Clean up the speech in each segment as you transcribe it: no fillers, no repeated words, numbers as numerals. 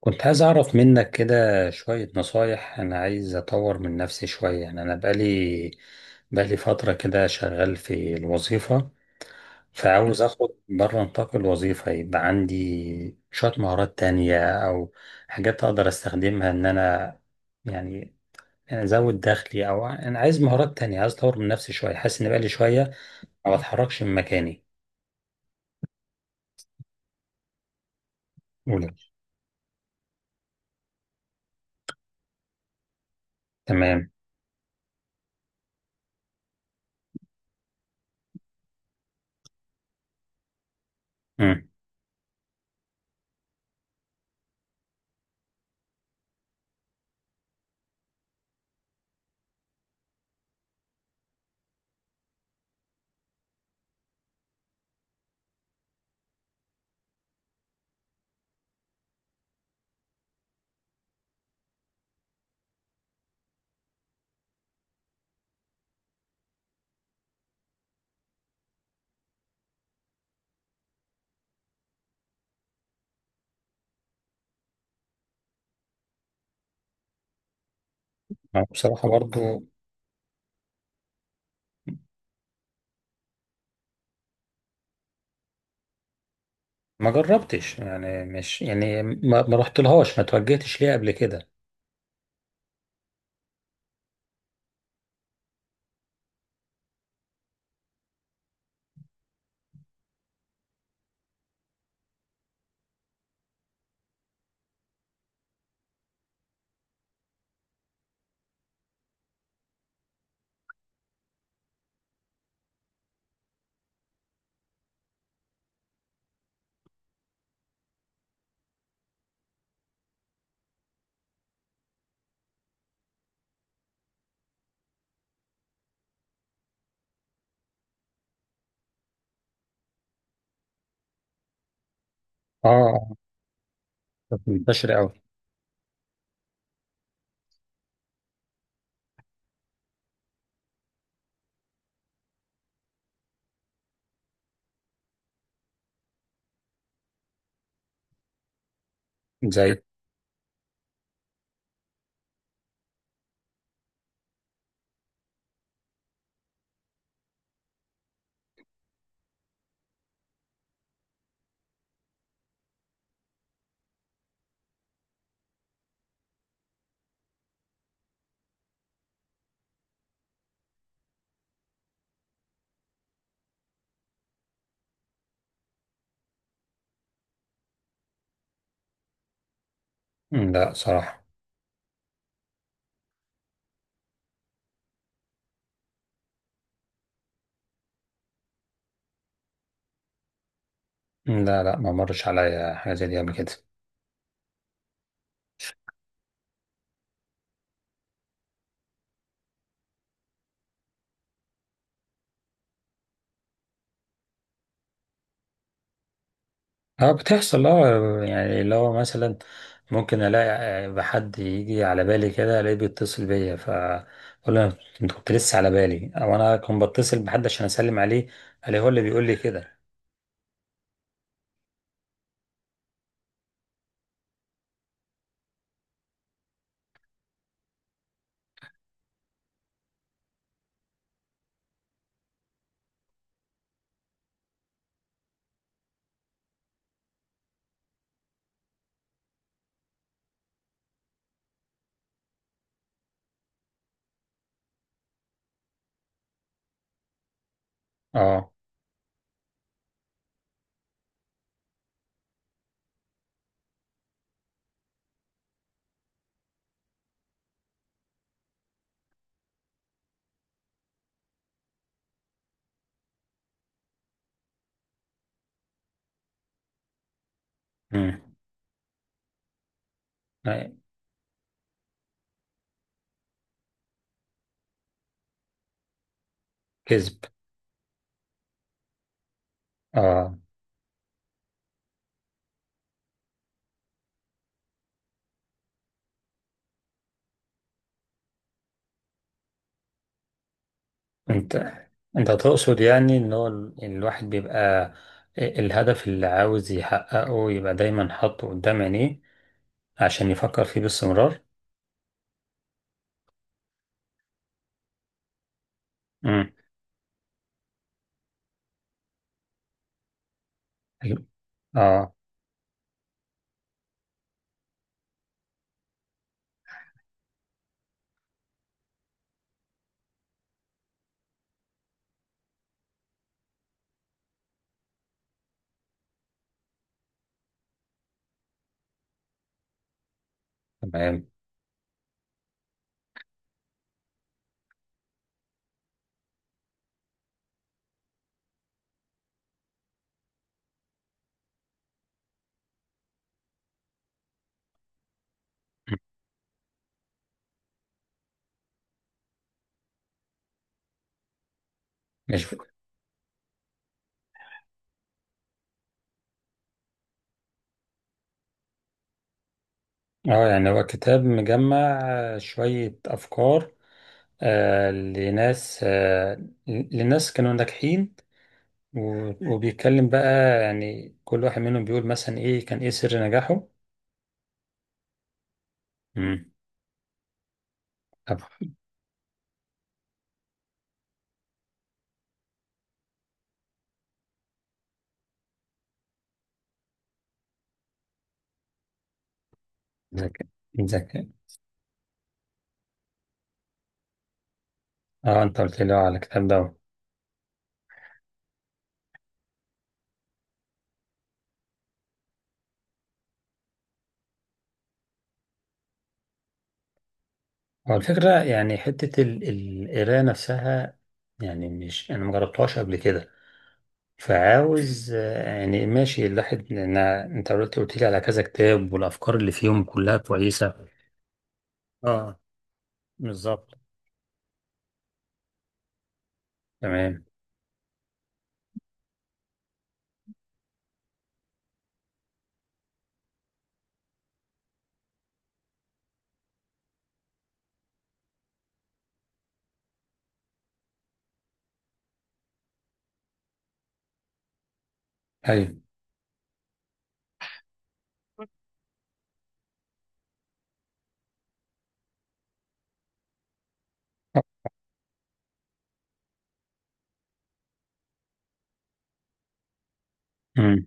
كنت عايز أعرف منك كده شوية نصايح. أنا عايز أطور من نفسي شوية، يعني أنا بقالي فترة كده شغال في الوظيفة، فعاوز أخد بره نطاق الوظيفة يبقى عندي شوية مهارات تانية أو حاجات أقدر أستخدمها إن أنا يعني أزود دخلي، أو أنا عايز مهارات تانية، عايز أطور من نفسي شوية. حاسس إن بقالي شوية ما بتحركش من مكاني. أولى. تمام. مم. بصراحة برضو ما جربتش، يعني مش يعني ما رحتلهاش، ما توجهتش ليها قبل كده. اه، آه، كانت منتشرة قوي. زي. لا صراحة، لا ما مرش عليا حاجة زي دي قبل كده. اه بتحصل، اه يعني اللي هو مثلا ممكن الاقي بحد يجي على بالي كده الاقيه بيتصل بيا، فاقول له انت كنت لسه على بالي، او انا كنت بتصل بحد عشان اسلم عليه الاقيه هو اللي بيقول لي كده. اه. امم. كذب. اه. انت انت تقصد يعني ان هو الواحد بيبقى إيه الهدف اللي عاوز يحققه يبقى دايما حاطه قدام عينيه عشان يفكر فيه باستمرار. امم. اه. تمام. مم. مش. اه يعني هو كتاب مجمع شوية أفكار آه لناس، آه لناس كانوا ناجحين، وبيتكلم بقى يعني كل واحد منهم بيقول مثلا إيه كان إيه سر نجاحه. مم. طب. ذكي. ذكي. اه أنت قلت لي على الكتاب ده. هو الفكرة يعني حتة القراية نفسها، يعني مش أنا مجربتهاش قبل كده، فعاوز يعني ماشي الواحد، لأن أنت قلت لي على كذا كتاب والأفكار اللي فيهم كلها كويسة. اه، بالظبط. تمام. أيوة. أمم.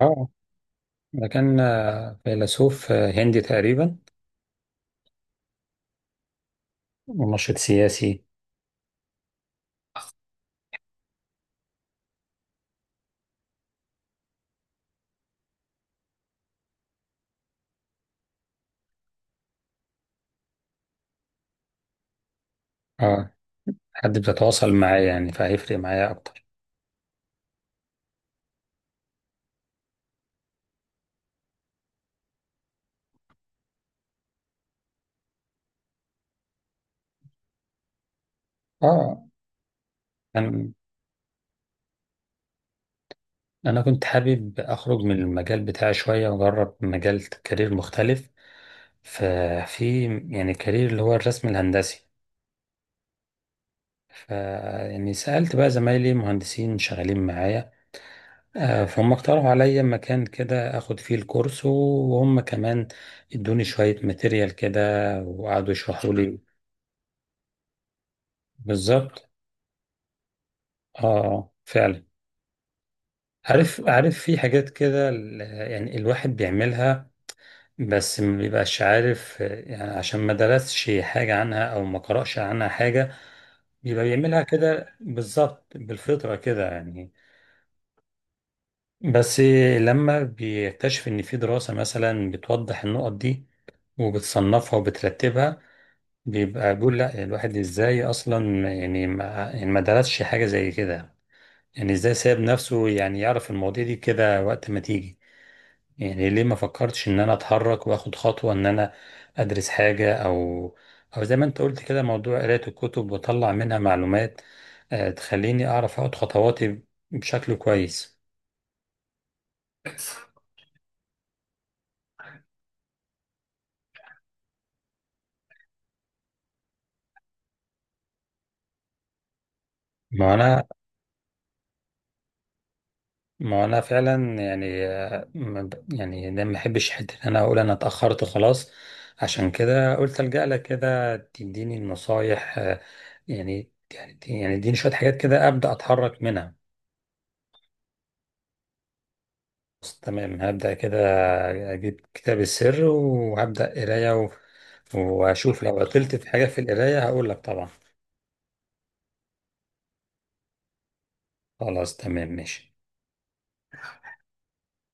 أه، ده كان فيلسوف هندي تقريبا، ومنشط سياسي. أه، حد بتتواصل معاه يعني فهيفرق معايا أكتر. أه. كان. أنا كنت حابب أخرج من المجال بتاعي شوية وأجرب مجال كارير مختلف. ففي يعني كارير اللي هو الرسم الهندسي. ف يعني سألت بقى زمايلي مهندسين شغالين معايا، فهم اقترحوا عليا مكان كده أخد فيه الكورس، وهم كمان ادوني شوية ماتيريال كده وقعدوا يشرحوا لي. بالظبط. آه، فعلا. عارف في حاجات كده يعني الواحد بيعملها، بس مبيبقاش عارف، يعني عشان ما درسش حاجة عنها أو ما قرأش عنها حاجة، بيبقى بيعملها كده بالظبط بالفطرة كده يعني. بس لما بيكتشف إن في دراسة مثلا بتوضح النقط دي وبتصنفها وبترتبها، بيبقى بيقول لا الواحد إزاي أصلا يعني ما, يعني ما درسش حاجة زي كده، يعني إزاي ساب نفسه يعني يعرف المواضيع دي كده وقت ما تيجي؟ يعني ليه ما فكرتش ان انا اتحرك واخد خطوة ان انا ادرس حاجة او او زي ما انت قلت كده موضوع قراية الكتب واطلع منها معلومات تخليني اعرف اخد خطواتي بشكل كويس. ما انا ما انا فعلا يعني ما ب- يعني ده ما بحبش حته ان انا اقول انا اتاخرت خلاص، عشان كده قلت الجا لك كده تديني النصايح، يعني يعني اديني شويه حاجات كده ابدا اتحرك منها. بس تمام هبدأ كده، أجيب كتاب السر وهبدأ قراية و... وأشوف لو عطلت في حاجة في القراية هقول لك طبعا. خلاص تمام ماشي.